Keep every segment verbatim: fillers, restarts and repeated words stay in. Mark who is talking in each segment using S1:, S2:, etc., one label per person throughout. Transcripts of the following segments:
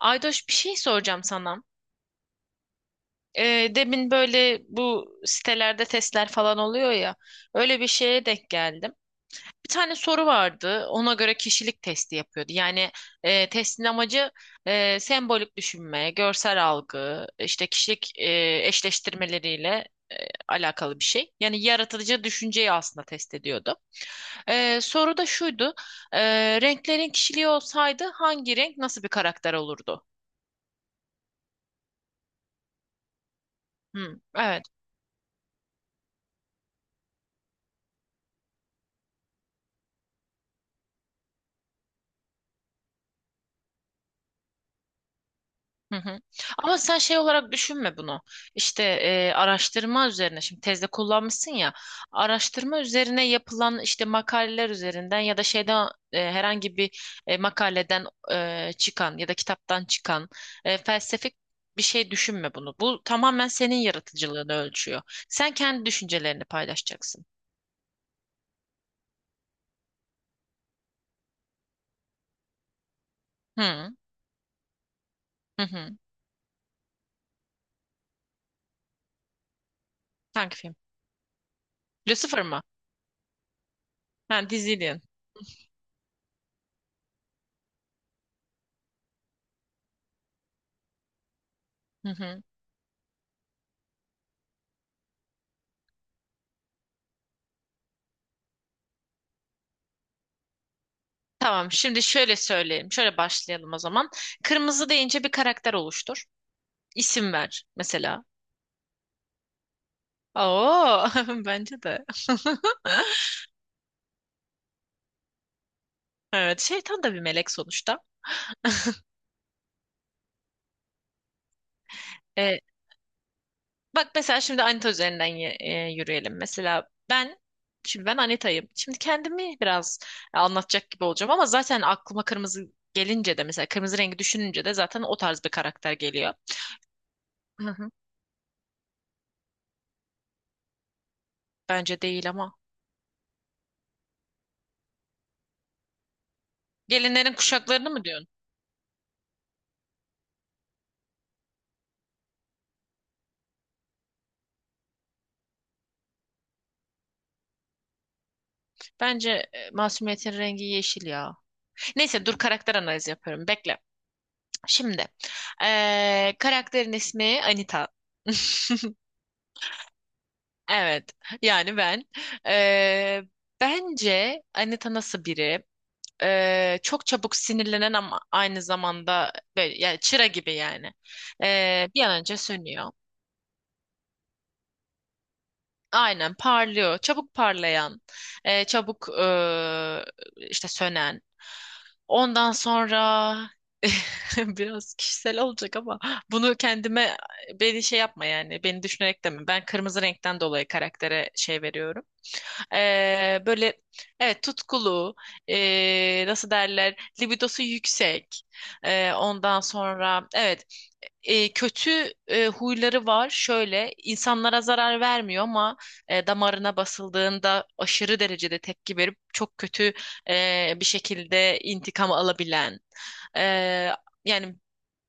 S1: Aydoş bir şey soracağım sana. Ee, demin böyle bu sitelerde testler falan oluyor ya. Öyle bir şeye denk geldim. Bir tane soru vardı. Ona göre kişilik testi yapıyordu. Yani e, testin amacı e, sembolik düşünme, görsel algı, işte kişilik e, eşleştirmeleriyle e, alakalı bir şey. Yani yaratıcı düşünceyi aslında test ediyordu. Ee, soru da şuydu. Ee, renklerin kişiliği olsaydı hangi renk nasıl bir karakter olurdu? Hmm, evet. Hı hı. Ama sen şey olarak düşünme bunu. İşte e, araştırma üzerine şimdi tezde kullanmışsın ya, araştırma üzerine yapılan işte makaleler üzerinden ya da şeyden e, herhangi bir e, makaleden e, çıkan ya da kitaptan çıkan e, felsefik bir şey düşünme bunu. Bu tamamen senin yaratıcılığını ölçüyor. Sen kendi düşüncelerini paylaşacaksın. Hı hı. Hı. Hangi film? Lucifer mı? Ha, dizi diyorsun. Hı hı. Tamam, şimdi şöyle söyleyelim. Şöyle başlayalım o zaman. Kırmızı deyince bir karakter oluştur. İsim ver mesela. Oo, bence de. Evet, şeytan da bir melek sonuçta. Ee, Bak mesela şimdi Anita üzerinden y- e, yürüyelim. Mesela ben, şimdi ben Anita'yım. Şimdi kendimi biraz anlatacak gibi olacağım ama zaten aklıma kırmızı gelince de mesela kırmızı rengi düşününce de zaten o tarz bir karakter geliyor. Hı hı. Bence değil ama. Gelinlerin kuşaklarını mı diyorsun? Bence e, masumiyetin rengi yeşil ya. Neyse dur karakter analizi yapıyorum. Bekle. Şimdi eee, karakterin ismi Anita. Evet. Yani ben. Eee, bence Anita nasıl biri? Eee, çok çabuk sinirlenen ama aynı zamanda böyle yani çıra gibi yani. Eee, bir an önce sönüyor. Aynen parlıyor. Çabuk parlayan, e, çabuk e, işte sönen. Ondan sonra biraz kişisel olacak ama bunu kendime, beni şey yapma yani beni düşünerek deme. Ben kırmızı renkten dolayı karaktere şey veriyorum. E, böyle evet tutkulu, e, nasıl derler libidosu yüksek. E, ondan sonra evet e, kötü e, huyları var. Şöyle insanlara zarar vermiyor ama e, damarına basıldığında aşırı derecede tepki verip çok kötü e, bir şekilde intikam alabilen. E, yani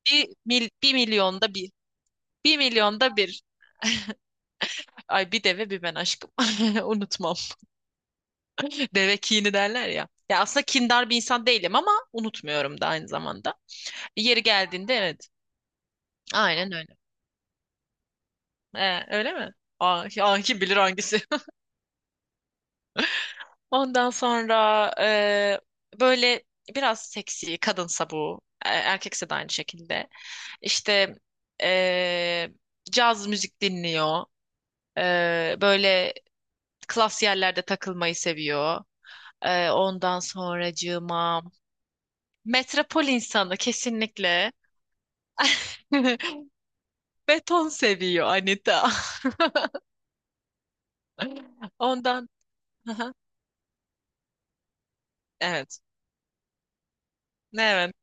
S1: bir, mil, bir milyonda bir. Bir milyonda bir. Ay bir deve bir ben aşkım. Unutmam. Deve kini derler ya. Ya aslında kindar bir insan değilim ama unutmuyorum da aynı zamanda. Yeri geldiğinde evet. Aynen öyle. E, öyle mi? Ah, ah, kim bilir hangisi. Ondan sonra e, böyle biraz seksi, kadınsa bu, e, erkekse de aynı şekilde. İşte e, caz müzik dinliyor. E, böyle klas yerlerde takılmayı seviyor. E, ondan sonracığıma metropol insanı kesinlikle. Beton seviyor Anita. Ondan. Evet. Evet.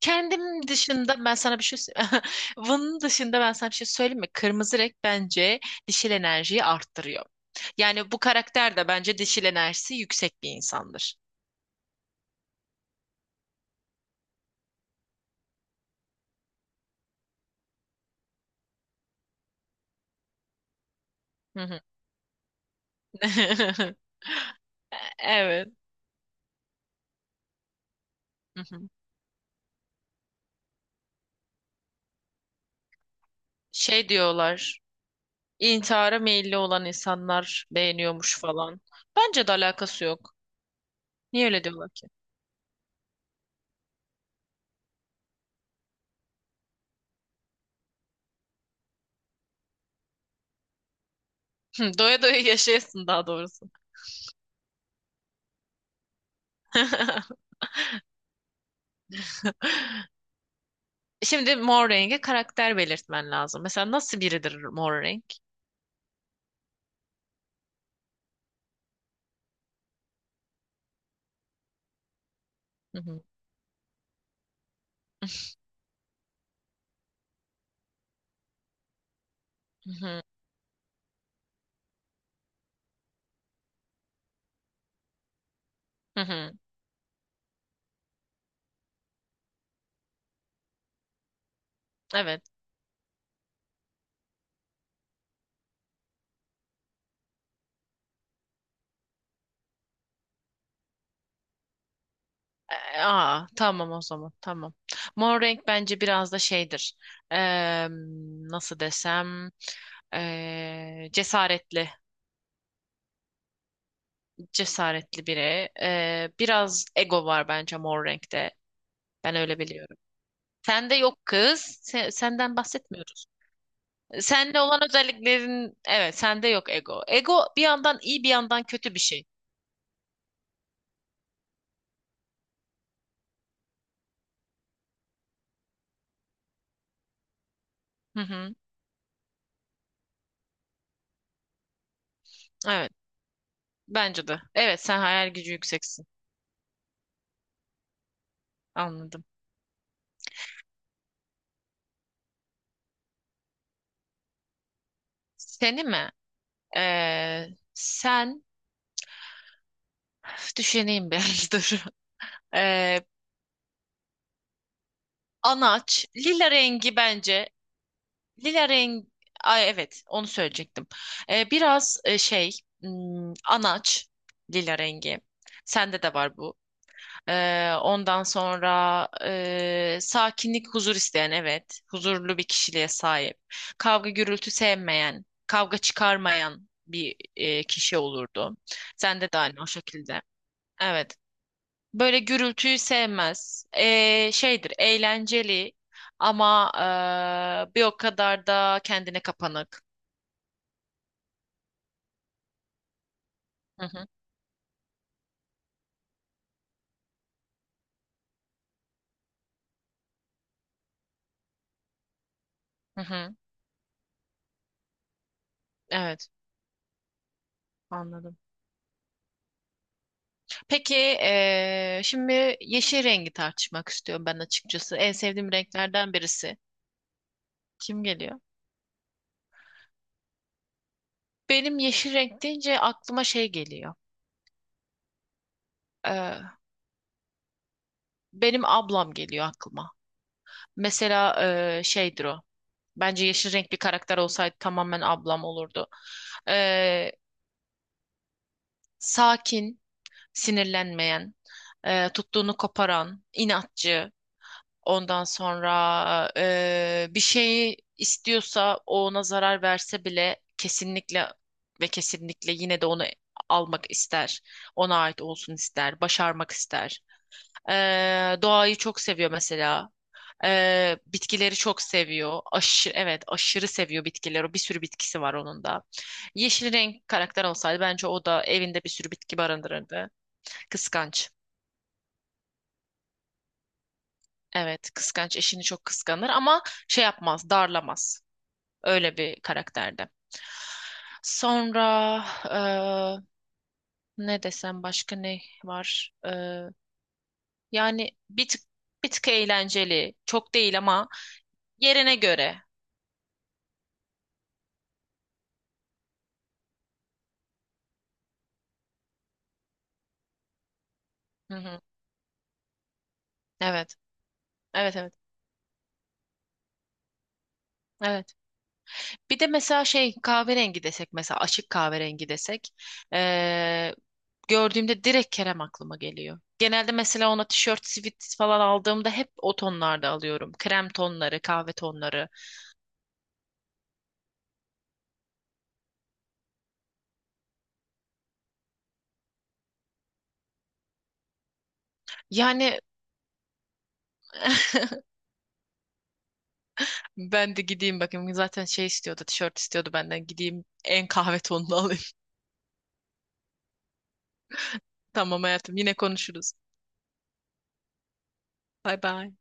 S1: Kendim dışında ben sana bir şey sö- bunun dışında ben sana bir şey söyleyeyim mi? Kırmızı renk bence dişil enerjiyi arttırıyor. Yani bu karakter de bence dişil enerjisi yüksek bir insandır. Hı hı. Evet. Hı hı. Şey diyorlar. İntihara meyilli olan insanlar beğeniyormuş falan. Bence de alakası yok. Niye öyle diyorlar ki? Doya doya yaşayasın daha doğrusu. Şimdi mor rengi karakter belirtmen lazım. Mesela nasıl biridir mor renk? Hı hı. Hı hı. Evet. E, Aa, tamam o zaman. Tamam. Mor renk bence biraz da şeydir. Eee, nasıl desem eee, cesaretli, cesaretli biri. Eee, biraz ego var bence mor renkte. Ben öyle biliyorum. Sende yok kız. Se- senden bahsetmiyoruz. Sende olan özelliklerin evet sende yok ego. Ego bir yandan iyi bir yandan kötü bir şey. Hı hı. Evet. Bence de. Evet sen hayal gücü yükseksin. Anladım. Seni mi? Ee, sen düşüneyim bir dur. Ee, anaç, lila rengi bence. Lila rengi, ay evet onu söyleyecektim. Ee, biraz e, şey hmm, anaç, lila rengi. Sende de var bu. Ee, ondan sonra e, sakinlik, huzur isteyen evet. Huzurlu bir kişiliğe sahip. Kavga gürültü sevmeyen, kavga çıkarmayan bir e, kişi olurdu. Sende de aynı o şekilde. Evet. Böyle gürültüyü sevmez. Ee, şeydir, eğlenceli ama ee, bir o kadar da kendine kapanık. Hı hı, hı hı. Evet, anladım. Peki ee, şimdi yeşil rengi tartışmak istiyorum ben açıkçası. En sevdiğim renklerden birisi. Kim geliyor? Benim yeşil renk deyince aklıma şey geliyor. Ee, benim ablam geliyor aklıma. Mesela ee, şeydir o. Bence yeşil renk bir karakter olsaydı tamamen ablam olurdu. Eee sakin, sinirlenmeyen, e, tuttuğunu koparan, inatçı, ondan sonra e, bir şeyi istiyorsa o ona zarar verse bile kesinlikle ve kesinlikle yine de onu almak ister. Ona ait olsun ister, başarmak ister. E, doğayı çok seviyor mesela. E, bitkileri çok seviyor. Aşırı, evet, aşırı seviyor bitkileri. Bir sürü bitkisi var onun da. Yeşil renk karakter olsaydı bence o da evinde bir sürü bitki barındırırdı. Kıskanç. Evet, kıskanç. Eşini çok kıskanır ama şey yapmaz, darlamaz. Öyle bir karakterde. Sonra eee, ne desem başka ne var? Eee, yani bir tık bir tık eğlenceli. Çok değil ama yerine göre. Hı hı. Evet. Evet, evet. Evet. Bir de mesela şey kahverengi desek, mesela açık kahverengi desek eee, gördüğümde direkt Kerem aklıma geliyor. Genelde mesela ona tişört, sivit falan aldığımda hep o tonlarda alıyorum. Krem tonları, kahve tonları. Yani ben de gideyim bakayım, zaten şey istiyordu, tişört istiyordu benden, gideyim en kahve tonunu alayım. Tamam hayatım, yine konuşuruz. Bay bay.